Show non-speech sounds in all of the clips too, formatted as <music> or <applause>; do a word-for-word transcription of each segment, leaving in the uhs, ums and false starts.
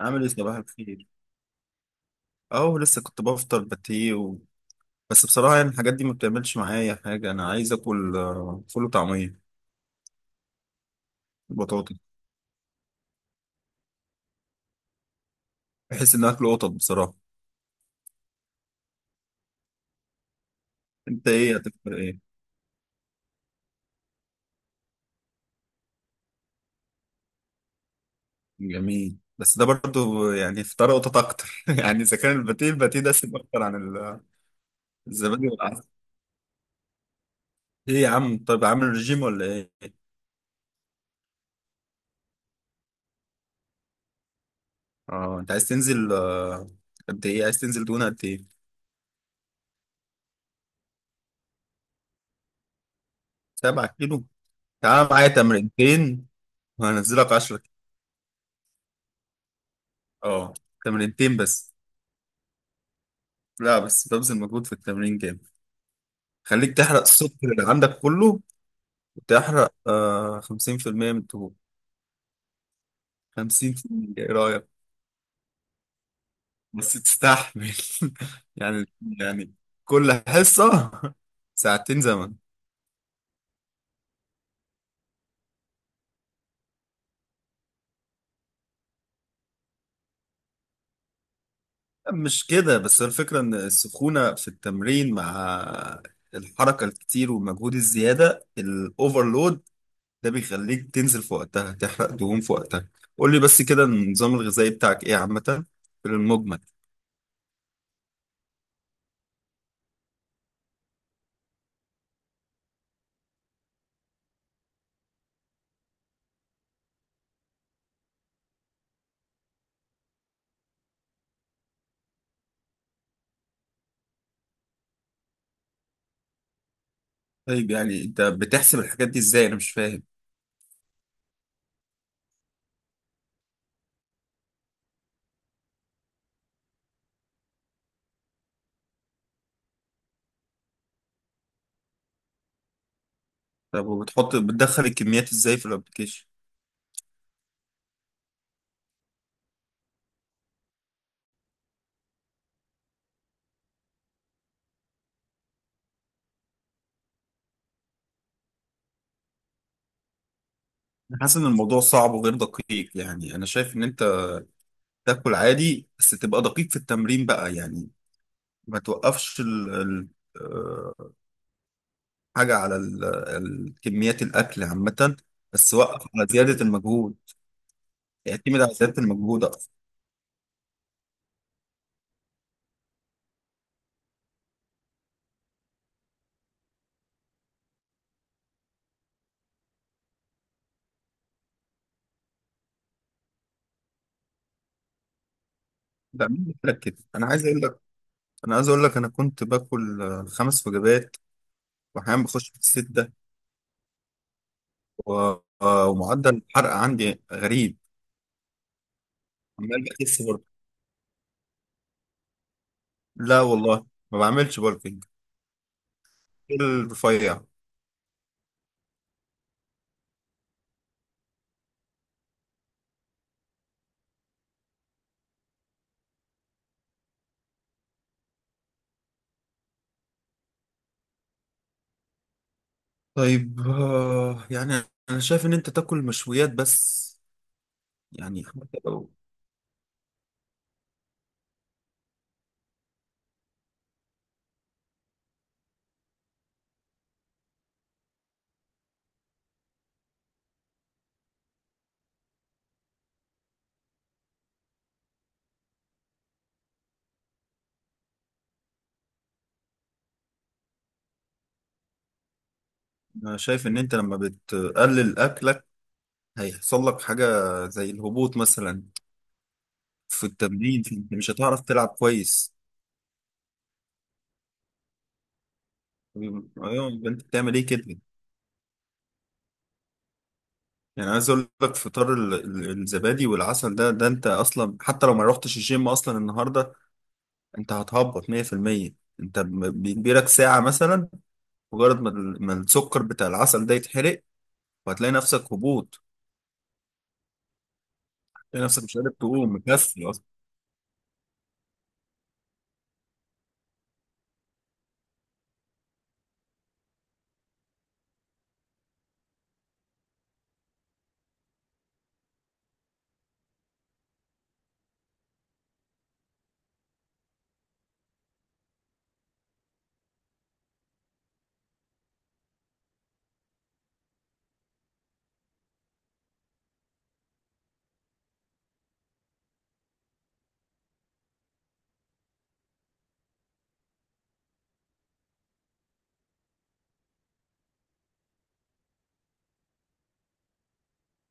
عامل ايه، صباح الخير. اهو لسه كنت بفطر باتيه و... بس بصراحه يعني الحاجات دي ما بتعملش معايا حاجه. انا عايز اكل آه، فول وطعميه، بطاطا. بحس ان اكل قطط بصراحه. انت ايه هتفطر ايه؟ جميل، بس ده برضو يعني فطار قطط اكتر <laughs> يعني اذا كان الباتيه الباتيه ده سيب اكتر عن ال- الزبادي والعسل. ايه يا عم، طيب عامل رجيم ولا ايه؟ اه انت عايز تنزل آه، قد ايه؟ عايز تنزل دهون قد ايه؟ 7 كيلو. تعال معايا تمرينتين، وهنزلك عشرة. اه، تمرينتين بس. لا، بس ببذل مجهود في التمرين جامد. خليك تحرق السكر اللي عندك كله، وتحرق آه خمسون في المئة من الدهون. خمسين بالميه، ايه رأيك؟ بس تستحمل <laughs> يعني يعني كل حصة <laughs> ساعتين زمن. مش كده، بس الفكرة ان السخونة في التمرين مع الحركة الكتير والمجهود الزيادة الاوفرلود ده بيخليك تنزل في وقتها، تحرق دهون في وقتها. قول لي بس كده، النظام الغذائي بتاعك ايه عامة، في المجمل؟ طيب يعني انت بتحسب الحاجات دي ازاي؟ انا مش فاهم. طب وبتحط بتدخل الكميات ازاي في الابلكيشن؟ انا حاسس ان الموضوع صعب وغير دقيق، يعني انا شايف ان انت تاكل عادي بس تبقى دقيق في التمرين بقى يعني. ما توقفش ال... ال... آه، حاجة على ال... ال- كميات الاكل عامة، بس وقف على زيادة المجهود. اعتمد على زيادة المجهود اكتر. ده مين اللي قال لك كده؟ انا عايز اقول لك، انا عايز اقول لك انا كنت باكل آه، خمس وجبات، واحيانا بخش في الستة و... آه، ومعدل الحرق عندي غريب، عمال بخس برضه. لا والله، ما بعملش بالكينج، كل رفيع. طيب، آه، يعني انا شايف ان انت تاكل مشويات بس، يعني حتى لو. انا شايف ان انت لما بتقلل اكلك هيحصل لك حاجة زي الهبوط مثلا. في التمرين انت مش هتعرف تلعب كويس. طيب، ايوه، يبقى انت بتعمل ايه كده؟ يعني عايز اقول لك فطار ال- ال- الزبادي والعسل ده ده انت اصلا حتى لو ما رحتش الجيم اصلا النهارده انت هتهبط مئة في المئة. انت ب- بيجيلك ساعة مثلا مجرد ما ال- ما السكر بتاع العسل ده يتحرق، وهتلاقي نفسك هبوط. هتلاقي نفسك مش قادر تقوم، مكسل اصلا.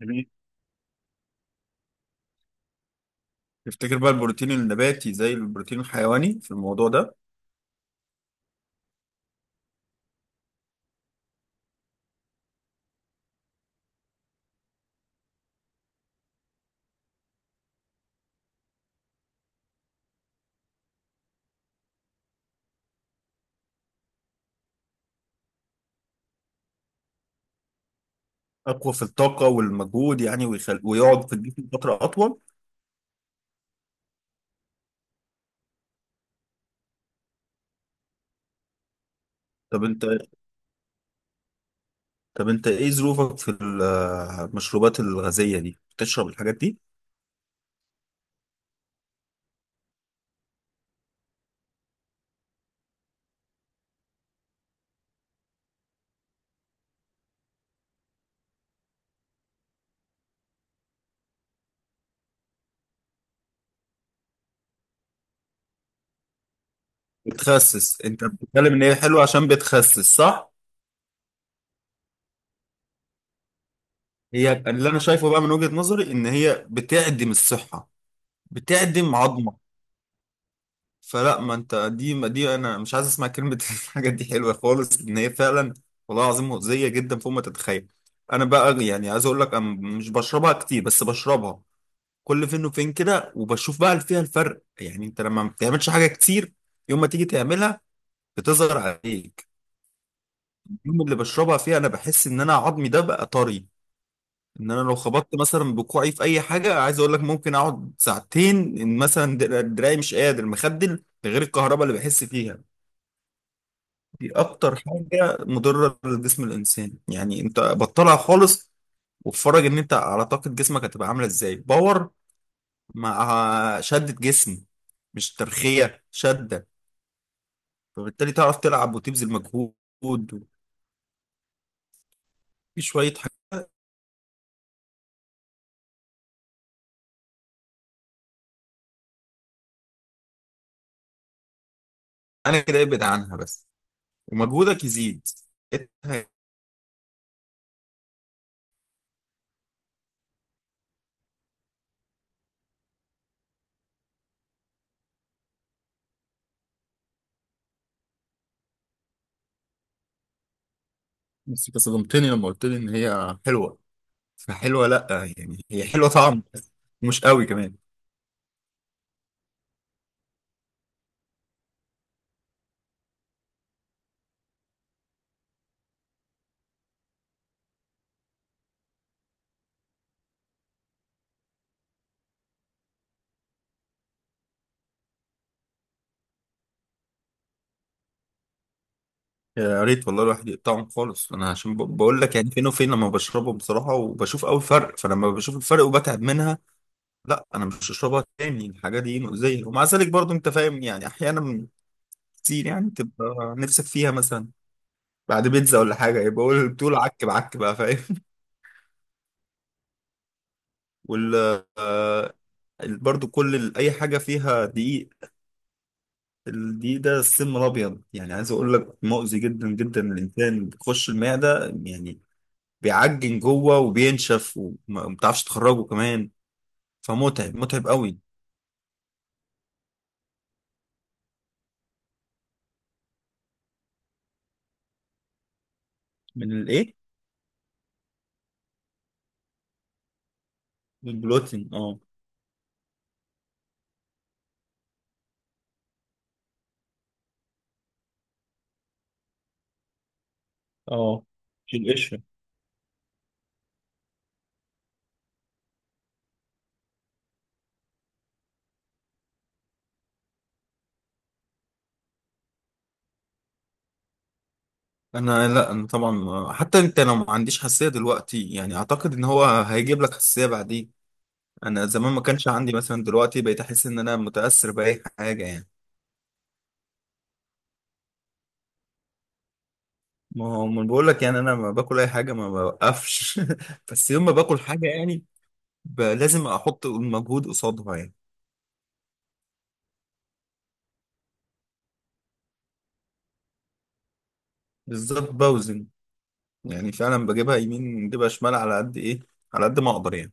يعني تفتكر بقى البروتين النباتي زي البروتين الحيواني في الموضوع ده؟ اقوى في الطاقه والمجهود يعني، ويخل... ويقعد في الجسم فتره اطول. طب انت طب انت ايه ظروفك في ال- المشروبات الغازيه دي، بتشرب الحاجات دي؟ بتخسس، انت بتتكلم ان هي حلوه عشان بتخسس، صح؟ هي اللي انا شايفه بقى من وجهه نظري ان هي بتعدم الصحه، بتعدم عظمه. فلا، ما انت دي ما دي انا مش عايز اسمع كلمه <laughs> الحاجات دي حلوه خالص، ان هي فعلا والله العظيم مؤذيه جدا فوق ما تتخيل. انا بقى يعني عايز اقول لك انا مش بشربها كتير، بس بشربها كل فين وفين كده، وبشوف بقى فيها الفرق. يعني انت لما ما بتعملش حاجه كتير، يوم ما تيجي تعملها بتظهر عليك. اليوم اللي بشربها فيه انا بحس ان انا عظمي ده بقى طري، ان انا لو خبطت مثلا بكوعي في اي حاجه، عايز اقول لك، ممكن اقعد ساعتين. إن مثلا در- دراعي مش قادر، مخدل غير الكهرباء اللي بحس فيها. دي اكتر حاجه مضره لجسم الانسان، يعني انت بطلها خالص، واتفرج ان انت على طاقه جسمك هتبقى عامله ازاي، باور مع شده جسم، مش ترخيه، شده. فبالتالي تعرف تلعب وتبذل مجهود في شويه حاجات. انا كده ابعد عنها بس، ومجهودك يزيد. إنت- بس أنت صدمتني لما قلت لي ان هي حلوه، فحلوه لا. يعني هي حلوه طعم بس، مش قوي كمان. يا ريت والله الواحد يقطعهم خالص. انا عشان ب- بقول لك يعني فين وفين لما بشربهم بصراحه، وبشوف قوي فرق. فلما بشوف الفرق وبتعب منها، لا، انا مش هشربها تاني. الحاجه دي مؤذيه، ومع ذلك برضو انت فاهم، يعني احيانا كتير يعني تبقى نفسك فيها، مثلا بعد بيتزا ولا حاجه، يبقى بقول بتقول عك بعك بقى، فاهم. <laughs> وال آه، ال- برضو كل ال- اي حاجه فيها دقيق، الدقيق ده السم الابيض، يعني عايز اقول لك مؤذي جدا جدا للانسان، بيخش المعده يعني بيعجن جوه وبينشف وما بتعرفش تخرجه كمان، فمتعب متعب قوي. من الايه؟ من البلوتين، اه. اه، من القشرة. انا لا، انا طبعا حتى انت لو ما عنديش حساسيه دلوقتي، يعني اعتقد ان هو هيجيب لك حساسيه بعدين. انا زمان ما كانش عندي، مثلا دلوقتي بقيت احس ان انا متاثر باي حاجه يعني. ما هو ما بقول لك يعني انا ما باكل اي حاجه، ما بوقفش <laughs> بس يوم ما باكل حاجه، يعني ب- لازم احط المجهود قصادها يعني. بالظبط، بوزن، يعني فعلا بجيبها يمين بجيبها شمال على قد ايه، على قد ما اقدر يعني.